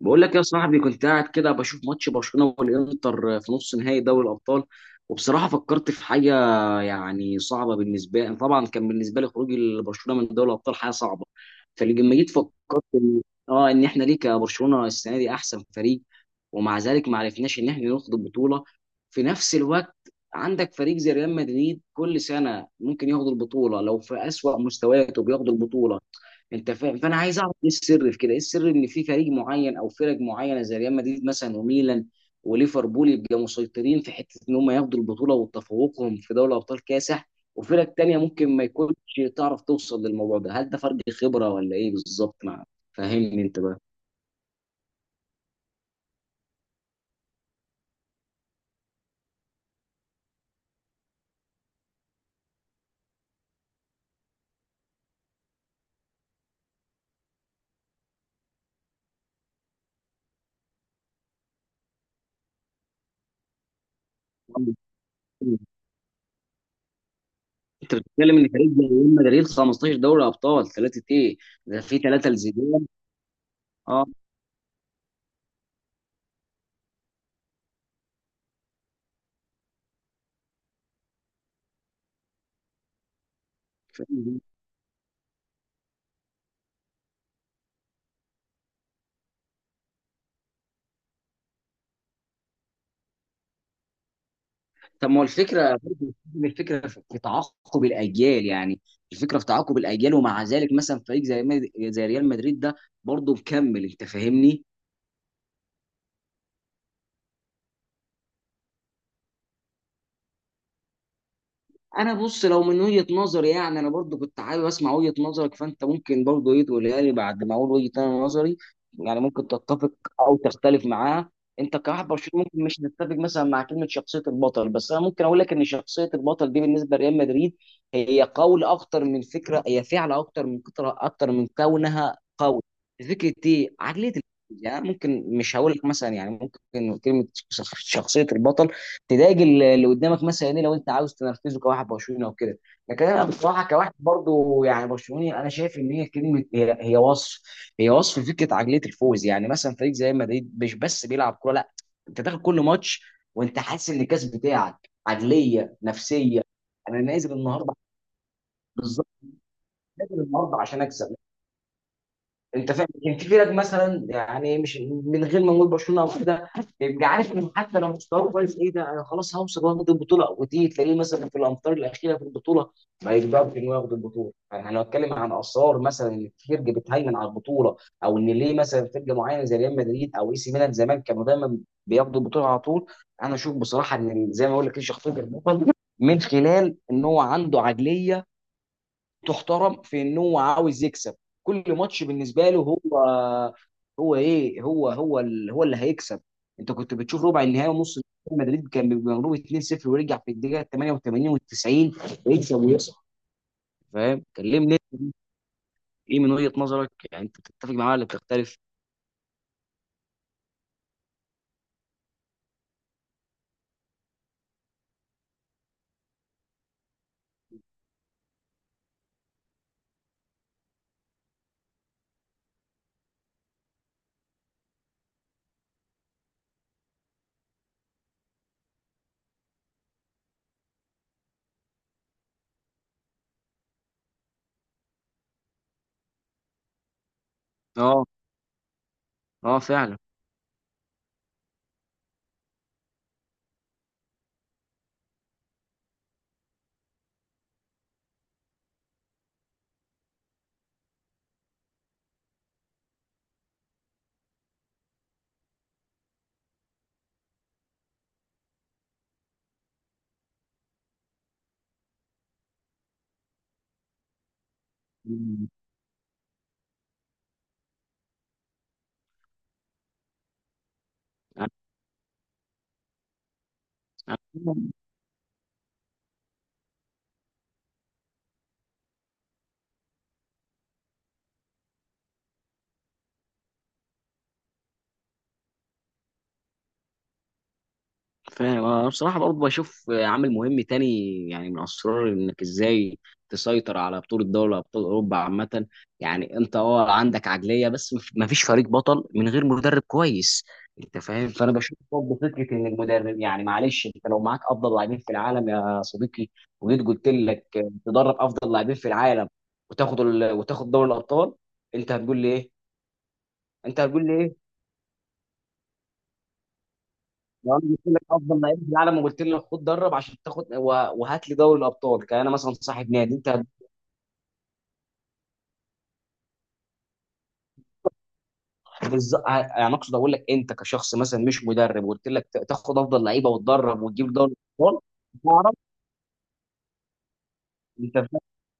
بقول لك يا صاحبي، كنت قاعد كده بشوف ماتش برشلونة والإنتر في نص نهائي دوري الأبطال، وبصراحة فكرت في حاجة يعني صعبة بالنسبة لي. طبعا كان بالنسبة لي خروج برشلونة من دوري الأبطال حاجة صعبة. فلما جيت فكرت إن احنا ليه كبرشلونة السنة دي أحسن فريق ومع ذلك ما عرفناش إن احنا ناخد البطولة. في نفس الوقت عندك فريق زي ريال مدريد كل سنة ممكن ياخد البطولة، لو في أسوأ مستوياته بياخد البطولة. انت فاهم؟ فانا عايز اعرف ايه السر في كده، ايه السر ان في فريق معين او فرق معينه زي ريال مدريد مثلا وميلان وليفربول يبقى مسيطرين، في حته ان هم ياخدوا البطوله وتفوقهم في دوري ابطال كاسح، وفرق تانية ممكن ما يكونش تعرف توصل للموضوع ده. هل ده فرق خبره ولا ايه بالظبط؟ مع فهمني انت بقى. انت بتتكلم ان فريق زي ريال مدريد 15 دوري ابطال ثلاثه ايه، ده في ثلاثه لزيدان. اه، طب ما هو الفكره، من الفكره في تعاقب الاجيال يعني. الفكره في تعاقب الاجيال، ومع ذلك مثلا فريق زي زي ريال مدريد ده برضه مكمل، انت فاهمني. انا بص، لو من وجهة نظري يعني انا برضو كنت حابب اسمع وجهة نظرك، فانت ممكن برضو ايه تقولها لي بعد ما اقول وجهة أنا نظري. يعني ممكن تتفق او تختلف معاها. انت كواحد برشلوني ممكن مش تتفق مثلا مع كلمة شخصية البطل، بس انا ممكن اقول لك ان شخصية البطل دي بالنسبة لريال مدريد هي قول اكتر من فكرة، هي فعل اكتر من كترة اكتر من كونها قول، فكرة ايه عقلية الفوز. يعني ممكن مش هقول لك مثلا يعني ممكن كلمة شخصية البطل تضايق اللي قدامك مثلا ايه لو انت عاوز تنرفزه كواحد برشلونه وكده. لكن انا بصراحه كواحد برضو يعني برشلوني، انا شايف ان هي كلمه، هي وصف، هي وصف فكره عقليه الفوز. يعني مثلا فريق زي مدريد مش بس بيلعب كوره، لا، انت داخل كل ماتش وانت حاسس ان الكاس بتاعك، عقليه نفسيه، انا نازل النهارده. بالظبط، نازل النهارده عشان اكسب. انت فاهم، كان في فرق مثلا يعني مش من غير ما نقول برشلونه او كده، بيبقى عارف ان حتى لو مستواه كويس ايه ده انا خلاص هوصل واخد البطوله، وتيجي تلاقيه مثلا في الامتار الاخيره في البطوله ما يقدرش انه ياخد البطوله. يعني انا بتكلم عن اسرار مثلا ان في فرقه بتهيمن على البطوله، او ان ليه مثلا فرقه معينه زي ريال مدريد او اي سي ميلان زمان كانوا دايما بياخدوا البطوله على طول. انا اشوف بصراحه ان زي ما اقول لك ايه، شخصيه البطل من خلال ان هو عنده عقليه تحترم، في ان هو عاوز يكسب كل ماتش بالنسبه له. هو هو ايه هو هو ال- هو اللي هيكسب. انت كنت بتشوف ربع النهائي ونص النهائي، مدريد كان بيبقى مغلوب 2-0 ويرجع في الدقيقه 88 و90 يكسب ويصعد. فاهم، كلمني، ايه من وجهه نظرك؟ يعني انت بتتفق معايا ولا بتختلف؟ اه، اه، فعلا، فاهم. انا بصراحه برضه بشوف عامل مهم تاني، يعني من اسرار انك ازاي تسيطر على بطوله دوري ابطال اوروبا عامه. يعني انت اه عندك عقليه بس مفيش فريق بطل من غير مدرب كويس. انت فاهم، فانا بشوف برضه فكره ان المدرب يعني معلش، انت لو معاك افضل لاعبين في العالم يا صديقي، وجيت قلت لك تدرب افضل لاعبين في العالم وتاخد وتاخد دوري الابطال، انت هتقول لي ايه؟ انت هتقول لي ايه؟ لو انا قلت لك افضل لعيب في العالم وقلت لك خد درب عشان تاخد وهات لي دوري الابطال، كان انا مثلا صاحب نادي انت. بالز... يعني اقصد اقول لك انت كشخص مثلا مش مدرب، وقلت لك تاخد افضل لعيبه وتدرب وتجيب دوري الابطال، تعرف انت.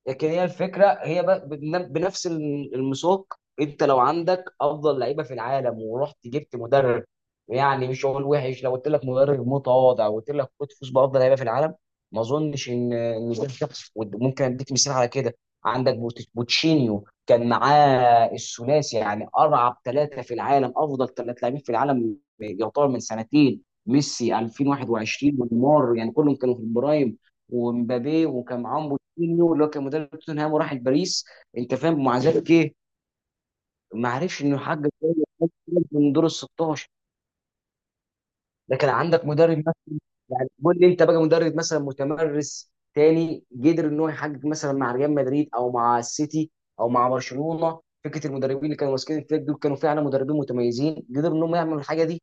لكن هي الفكره هي بنفس المساق، انت لو عندك افضل لعيبه في العالم ورحت جبت مدرب يعني مش هقول وحش، لو قلت لك مدرب متواضع وقلت لك خد فوز بافضل لعيبه في العالم، ما اظنش ان ده، شخص ممكن اديك مثال على كده. عندك بوتشينيو كان معاه الثلاثي، يعني ارعب ثلاثه في العالم، افضل ثلاث لاعبين في العالم يعتبر من سنتين، ميسي 2021 ونيمار، يعني كلهم كانوا في البرايم، ومبابي. وكان معاهم مورينيو اللي هو كان مدرب توتنهام وراح لباريس. انت فاهم، مع ذلك ايه، ما عرفش انه يحقق من دور ال 16. ده كان عندك مدرب مثلا يعني، قول لي انت بقى مدرب مثلا متمرس تاني قدر ان هو يحقق مثلا مع ريال مدريد او مع السيتي او مع برشلونه. فكره المدربين اللي كانوا ماسكين الفريق دول كانوا فعلا مدربين متميزين قدروا انهم يعملوا الحاجه دي.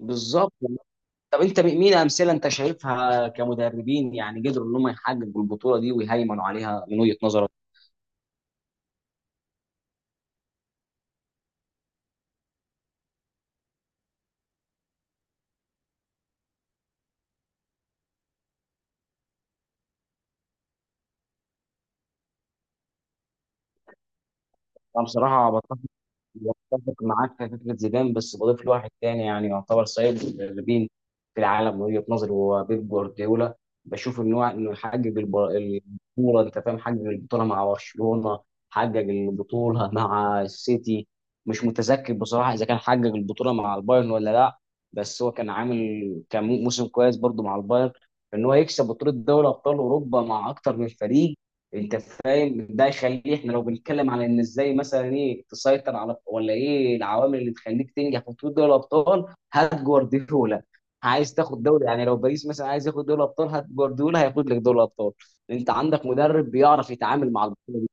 بالظبط. طب انت مين امثله انت شايفها كمدربين يعني قدروا ان هم يحققوا البطوله دي ويهيمنوا عليها من وجهه نظرك؟ انا بصراحه متفق معاك في فكرة زيدان، بس بضيف له واحد تاني يعني يعتبر سيد المدربين في العالم من وجهة نظري، هو بيب جوارديولا. بشوف إن هو إنه يحقق البطولة، أنت فاهم، حقق البطولة مع برشلونة، حقق البطولة مع السيتي. مش متذكر بصراحة إذا كان حقق البطولة مع البايرن ولا لأ، بس هو كان عامل كان موسم كويس برضه مع البايرن. إن هو يكسب بطولة دوري أبطال أوروبا مع أكتر من فريق، انت فاهم ده يخليه. احنا لو بنتكلم على ان ازاي مثلا ايه تسيطر على، ولا ايه العوامل اللي تخليك تنجح في بطوله دوري الابطال، هات جوارديولا. عايز تاخد دوري يعني، لو باريس مثلا عايز ياخد دوري الابطال هات جوارديولا، هياخد لك دوري الابطال. انت عندك مدرب بيعرف يتعامل مع البطوله دي.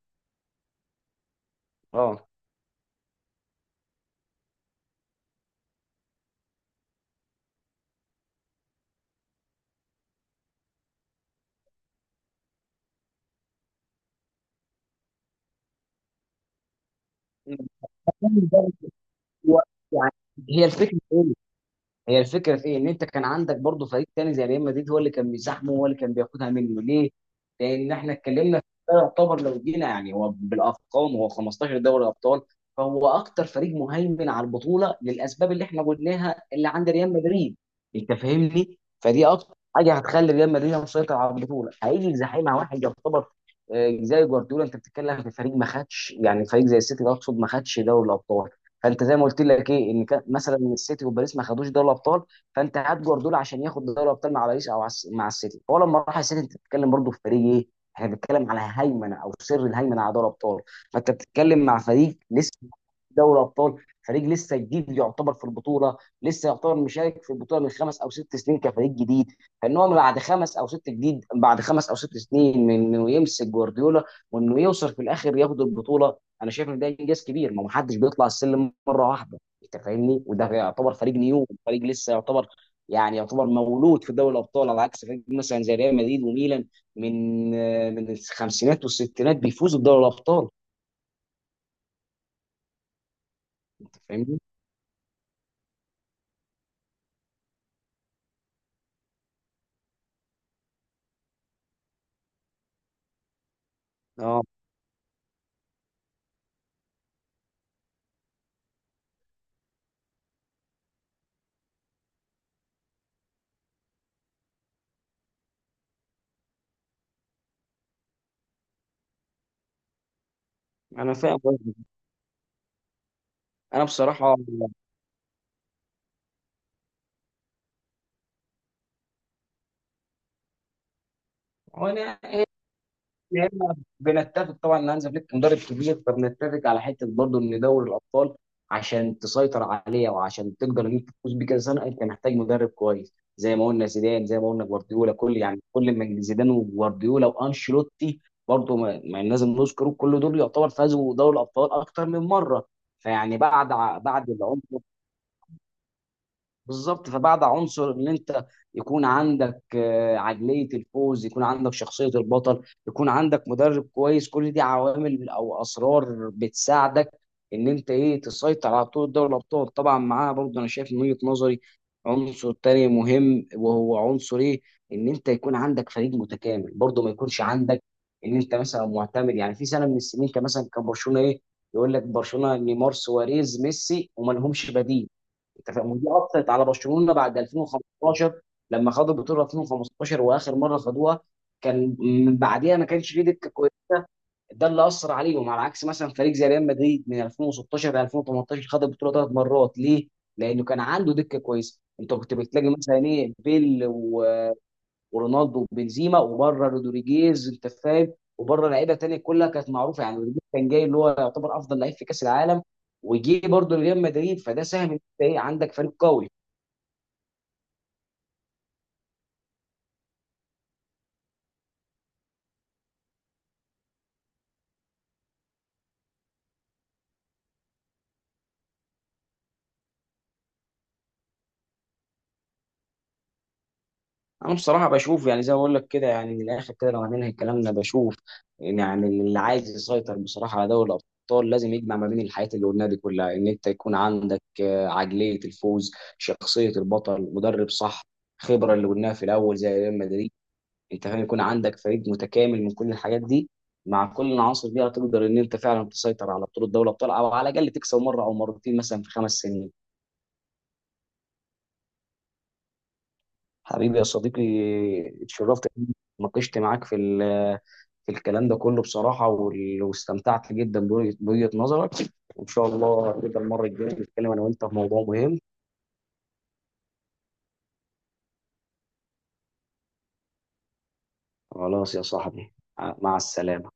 اه. يعني هي الفكره، هي الفكره في ايه، ان انت كان عندك برضه فريق تاني زي ريال مدريد هو اللي كان بيزاحمه، هو اللي كان بياخدها منه ليه؟ لان احنا اتكلمنا في ده، يعتبر لو جينا يعني هو بالارقام هو 15 دوري ابطال، فهو اكتر فريق مهيمن على البطوله للاسباب اللي احنا قلناها اللي عند ريال مدريد. انت فاهمني؟ فدي اكتر حاجه هتخلي ريال مدريد مسيطر على البطوله. هيجي يزاحمها واحد يعتبر زي جوارديولا، انت بتتكلم في فريق ما خدش، يعني فريق زي السيتي اقصد ما خدش دوري الابطال. فانت زي ما قلت لك ايه، ان كان مثلا السيتي وباريس ما خدوش دوري الابطال، فانت هات جوارديولا عشان ياخد دوري الابطال مع باريس او مع السيتي. هو لما راح السيتي، انت بتتكلم برضه في فريق ايه، احنا بنتكلم على هيمنه او سر الهيمنه على دوري الابطال، فانت بتتكلم مع فريق لسه دوري ابطال، فريق لسه جديد يعتبر في البطوله، لسه يعتبر مشارك في البطوله من خمس او ست سنين كفريق جديد. فان هو بعد خمس او ست جديد، بعد خمس او ست سنين من انه يمسك جوارديولا وانه يوصل في الاخر ياخد البطوله، انا شايف ان ده انجاز كبير. ما محدش بيطلع السلم مره واحده، انت فاهمني. وده يعتبر فريق نيو، فريق لسه يعتبر يعني، يعتبر مولود في دوري الابطال، على عكس فريق مثلا زي ريال مدريد وميلان من من الخمسينات والستينات بيفوزوا بدوري الابطال. انت فاهمني، اه، انا فاهم قصدك. انا بصراحه أنا هنا بنتفق طبعا ان هانز فليك مدرب كبير. فبنتفق على حته برضه ان دوري الابطال عشان تسيطر عليه وعشان تقدر ان انت تفوز بيه كذا سنه، انت محتاج مدرب كويس، زي ما قلنا زيدان، زي ما قلنا جوارديولا، كل يعني كل ما زيدان وجوارديولا وانشيلوتي برضه ما لازم نذكره، كل دول يعتبر فازوا دوري الابطال اكتر من مره. فيعني بعد بعد العمر، بالظبط، فبعد عنصر ان انت يكون عندك عقليه الفوز، يكون عندك شخصيه البطل، يكون عندك مدرب كويس، كل دي عوامل او اسرار بتساعدك ان انت ايه تسيطر على بطوله دوري الابطال. طبعا معاها برضه انا شايف من وجهه نظري عنصر تاني مهم، وهو عنصر ايه، ان انت يكون عندك فريق متكامل. برضه ما يكونش عندك ان انت مثلا معتمد، يعني في سنه من السنين كان مثلا كان برشلونه ايه يقول لك برشلونه نيمار سواريز ميسي، وما لهمش بديل، انت فاهم، ودي اثرت على برشلونه بعد 2015، لما خدوا البطوله 2015 واخر مره خدوها، كان من بعديها ما كانش فيه دكه كويسه. ده اللي اثر عليهم، على عكس مثلا فريق زي ريال مدريد من 2016 ل 2018 خد البطوله ثلاث مرات. ليه؟ لانه كان عنده دكه كويسه، انت كنت بتلاقي مثلا ايه بيل ورونالدو وبنزيما وبره رودريجيز، انت فاهم، وبره لعيبه تانيه كلها كانت معروفه، يعني رودريجيز كان جاي اللي هو يعتبر افضل لعيب في كاس العالم وجي برضه لريال مدريد، فده ساهم ان انت ايه عندك فريق قوي. انا بصراحه بشوف يعني زي ما بقول لك كده، يعني من الاخر كده لو هننهي كلامنا، بشوف إن يعني اللي عايز يسيطر بصراحه على دوري الابطال لازم يجمع ما بين الحاجات اللي قلناها دي كلها، ان انت يكون عندك عقليه الفوز، شخصيه البطل، مدرب صح، خبره اللي قلناها في الاول زي ريال مدريد، انت فاهم، يكون عندك فريق متكامل من كل الحاجات دي. مع كل العناصر دي هتقدر ان انت فعلا تسيطر على بطوله دوري الابطال، او على الاقل تكسب مره او مرتين مثلا في خمس سنين. حبيبي يا صديقي، اتشرفت إني ناقشت معاك في في الكلام ده كله بصراحة، واستمتعت جدا بوجهة نظرك، وإن شاء الله نبقى المرة الجاية نتكلم أنا وأنت في موضوع مهم. خلاص يا صاحبي، مع السلامة.